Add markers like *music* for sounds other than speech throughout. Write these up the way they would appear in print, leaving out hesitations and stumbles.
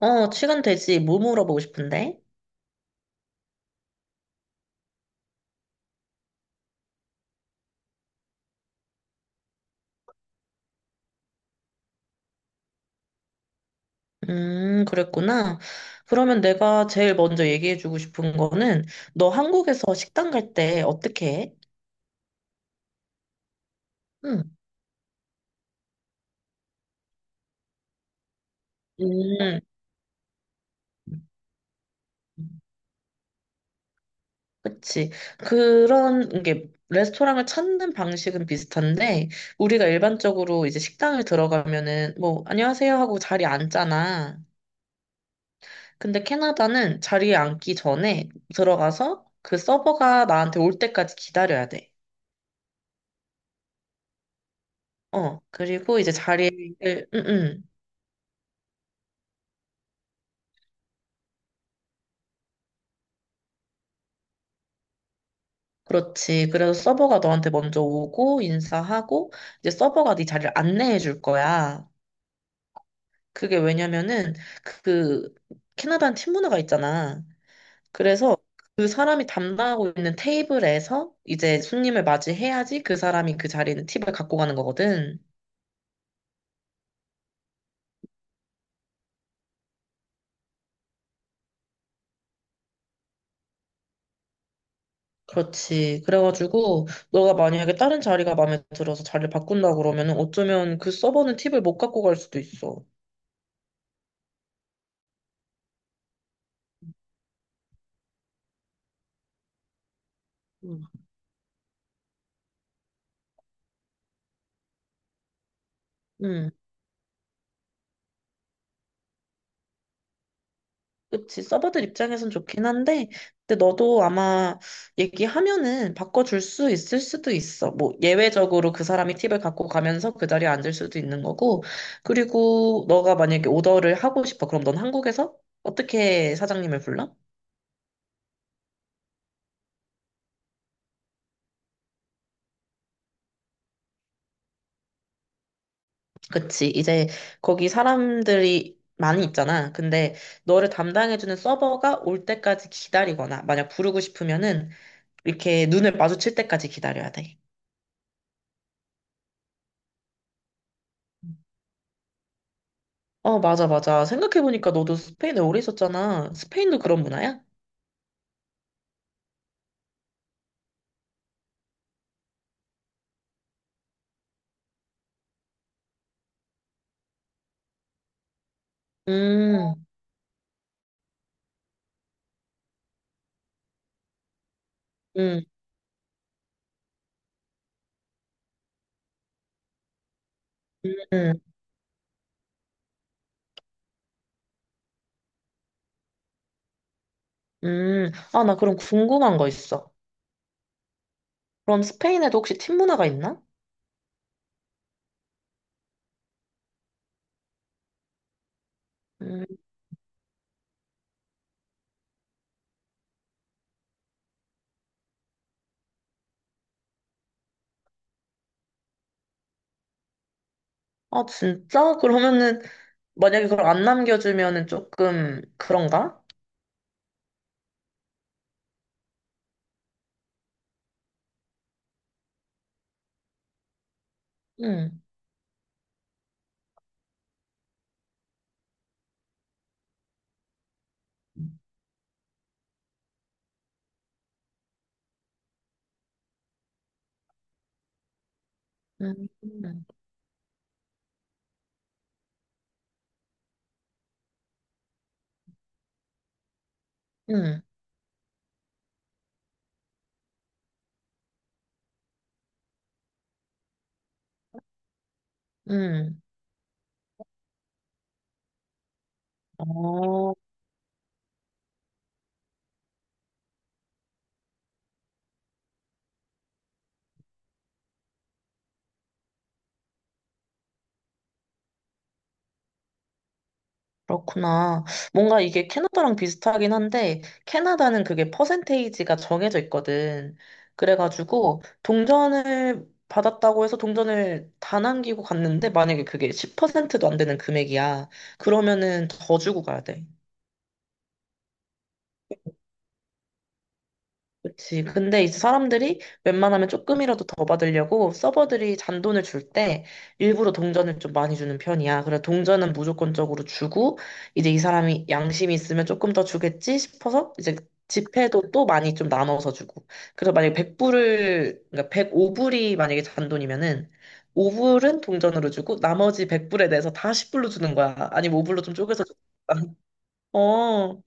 어, 시간 되지. 뭐 물어보고 싶은데? 그랬구나. 그러면 내가 제일 먼저 얘기해주고 싶은 거는, 너 한국에서 식당 갈 때 어떻게 해? 응. 음, 그치. 그런 게, 레스토랑을 찾는 방식은 비슷한데, 우리가 일반적으로 이제 식당을 들어가면은, 뭐, 안녕하세요 하고 자리에 앉잖아. 근데 캐나다는 자리에 앉기 전에 들어가서 그 서버가 나한테 올 때까지 기다려야 돼. 어, 그리고 이제 자리를, 응, 응. 그렇지. 그래서 서버가 너한테 먼저 오고, 인사하고, 이제 서버가 네 자리를 안내해 줄 거야. 그게 왜냐면은, 그, 캐나다는 팀 문화가 있잖아. 그래서 그 사람이 담당하고 있는 테이블에서 이제 손님을 맞이해야지 그 사람이 그 자리에 있는 팁을 갖고 가는 거거든. 그렇지. 그래가지고, 너가 만약에 다른 자리가 마음에 들어서 자리를 바꾼다 그러면은 어쩌면 그 서버는 팁을 못 갖고 갈 수도 있어. 음. 응. 그치, 서버들 입장에선 좋긴 한데, 근데 너도 아마 얘기하면은 바꿔줄 수 있을 수도 있어. 뭐, 예외적으로 그 사람이 팁을 갖고 가면서 그 자리에 앉을 수도 있는 거고, 그리고 너가 만약에 오더를 하고 싶어. 그럼 넌 한국에서 어떻게 사장님을 불러? 그치, 이제 거기 사람들이 많이 있잖아. 근데 너를 담당해주는 서버가 올 때까지 기다리거나, 만약 부르고 싶으면은 이렇게 눈을 마주칠 때까지 기다려야 돼. 어, 맞아, 맞아. 생각해보니까 너도 스페인에 오래 있었잖아. 스페인도 그런 문화야? 음, 음, 음, 아, 나 그럼 궁금한 거 있어. 그럼 스페인에도 혹시 팀 문화가 있나? 음, 아, 진짜? 그러면은, 만약에 그걸 안 남겨주면은 조금 그런가? 음, 음, 음, 음. 음. 어, 그렇구나. 뭔가 이게 캐나다랑 비슷하긴 한데, 캐나다는 그게 퍼센테이지가 정해져 있거든. 그래가지고, 동전을 받았다고 해서 동전을 다 남기고 갔는데, 만약에 그게 10%도 안 되는 금액이야. 그러면은 더 주고 가야 돼. 그치. 근데 이제 사람들이 웬만하면 조금이라도 더 받으려고 서버들이 잔돈을 줄 때 일부러 동전을 좀 많이 주는 편이야. 그래서 동전은 무조건적으로 주고 이제 이 사람이 양심이 있으면 조금 더 주겠지 싶어서 이제 지폐도 또 많이 좀 나눠서 주고. 그래서 만약에 100불을, 그러니까 105불이 만약에 잔돈이면은 5불은 동전으로 주고 나머지 100불에 대해서 다 10불로 주는 거야. 아니면 5불로 좀 쪼개서 주는 거야. *laughs* 어.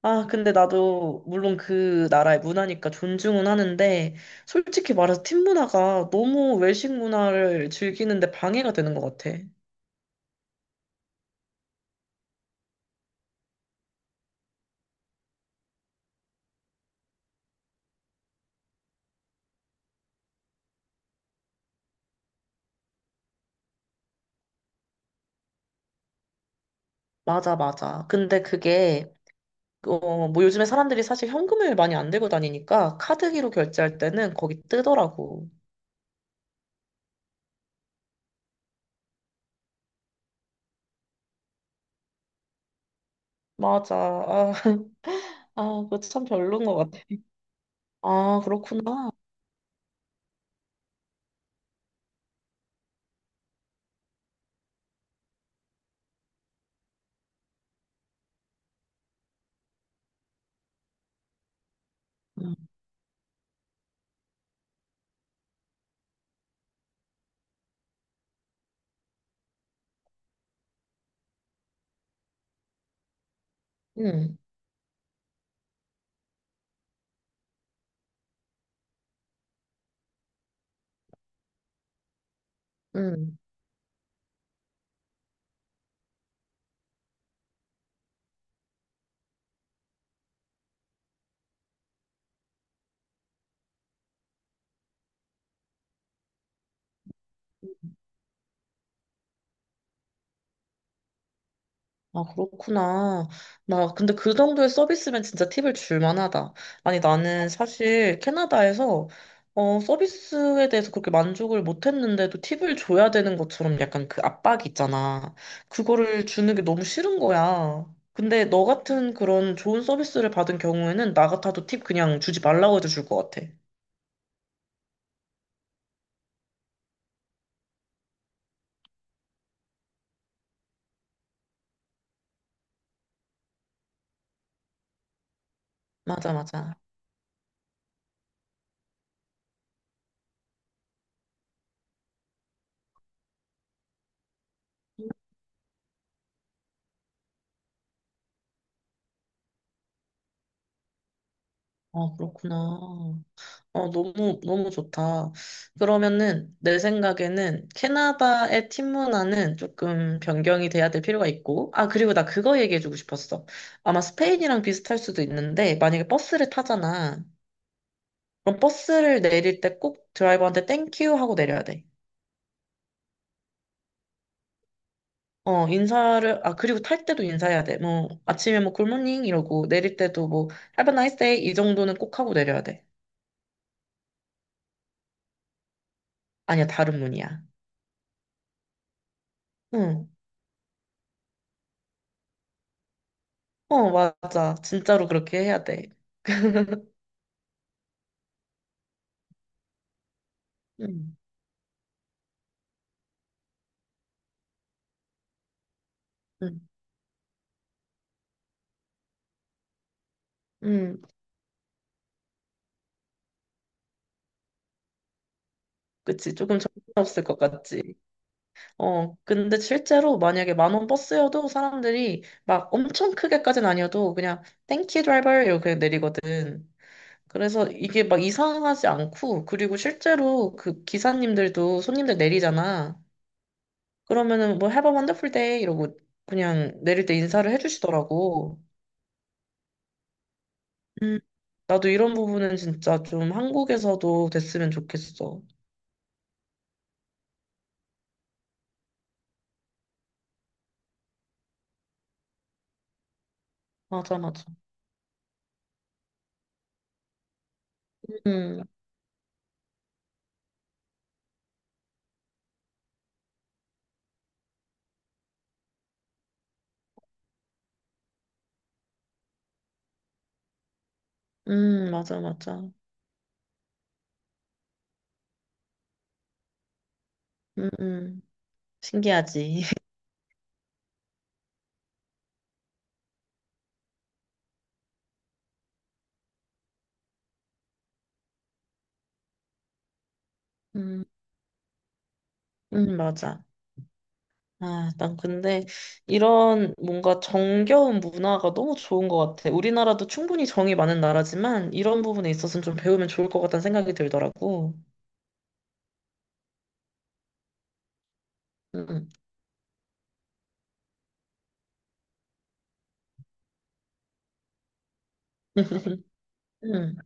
아, 근데 나도 물론 그 나라의 문화니까 존중은 하는데 솔직히 말해서 팀 문화가 너무 외식 문화를 즐기는데 방해가 되는 것 같아. 맞아, 맞아. 근데 그게 어, 뭐 요즘에 사람들이 사실 현금을 많이 안 들고 다니니까 카드기로 결제할 때는 거기 뜨더라고. 맞아. 아, *laughs* 아, 그거 참 별론 것 같아. 아, 그렇구나. 응, 응. 아, 그렇구나. 나, 근데 그 정도의 서비스면 진짜 팁을 줄 만하다. 아니, 나는 사실 캐나다에서, 어, 서비스에 대해서 그렇게 만족을 못 했는데도 팁을 줘야 되는 것처럼 약간 그 압박이 있잖아. 그거를 주는 게 너무 싫은 거야. 근데 너 같은 그런 좋은 서비스를 받은 경우에는 나 같아도 팁 그냥 주지 말라고 해도 줄 것 같아. 맞아, 맞아. 아, 그렇구나. 어, 너무, 너무 좋다. 그러면은, 내 생각에는 캐나다의 팀 문화는 조금 변경이 돼야 될 필요가 있고, 아, 그리고 나 그거 얘기해주고 싶었어. 아마 스페인이랑 비슷할 수도 있는데, 만약에 버스를 타잖아. 그럼 버스를 내릴 때 꼭 드라이버한테 땡큐 하고 내려야 돼. 어, 인사를, 아, 그리고 탈 때도 인사해야 돼. 뭐, 아침에 뭐 굿모닝 이러고, 내릴 때도 뭐, Have a nice day 이 정도는 꼭 하고 내려야 돼. 아니야, 다른 문이야. 응. 어, 맞아. 진짜로 그렇게 해야 돼. 음, 음, 음. 그치. 조금 정신없을 것 같지. 어, 근데 실제로 만약에 만원 버스여도 사람들이 막 엄청 크게까지는 아니어도 그냥 땡큐 드라이버 이렇게 그냥 내리거든. 그래서 이게 막 이상하지 않고 그리고 실제로 그 기사님들도 손님들 내리잖아. 그러면은 뭐 Have a wonderful day 이러고 그냥 내릴 때 인사를 해주시더라고. 음, 나도 이런 부분은 진짜 좀 한국에서도 됐으면 좋겠어. 맞아, 맞아. 음. 맞아, 맞아. 음, 음. 신기하지. *laughs* 음, 맞아. 아, 난 근데 이런 뭔가 정겨운 문화가 너무 좋은 것 같아. 우리나라도 충분히 정이 많은 나라지만 이런 부분에 있어서는 좀 배우면 좋을 것 같다는 생각이 들더라고. 음, *laughs* 음,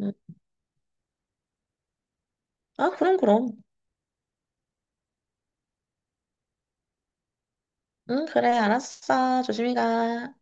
음. 아, 그럼, 그럼. 응, 그래, 알았어. 조심히 가.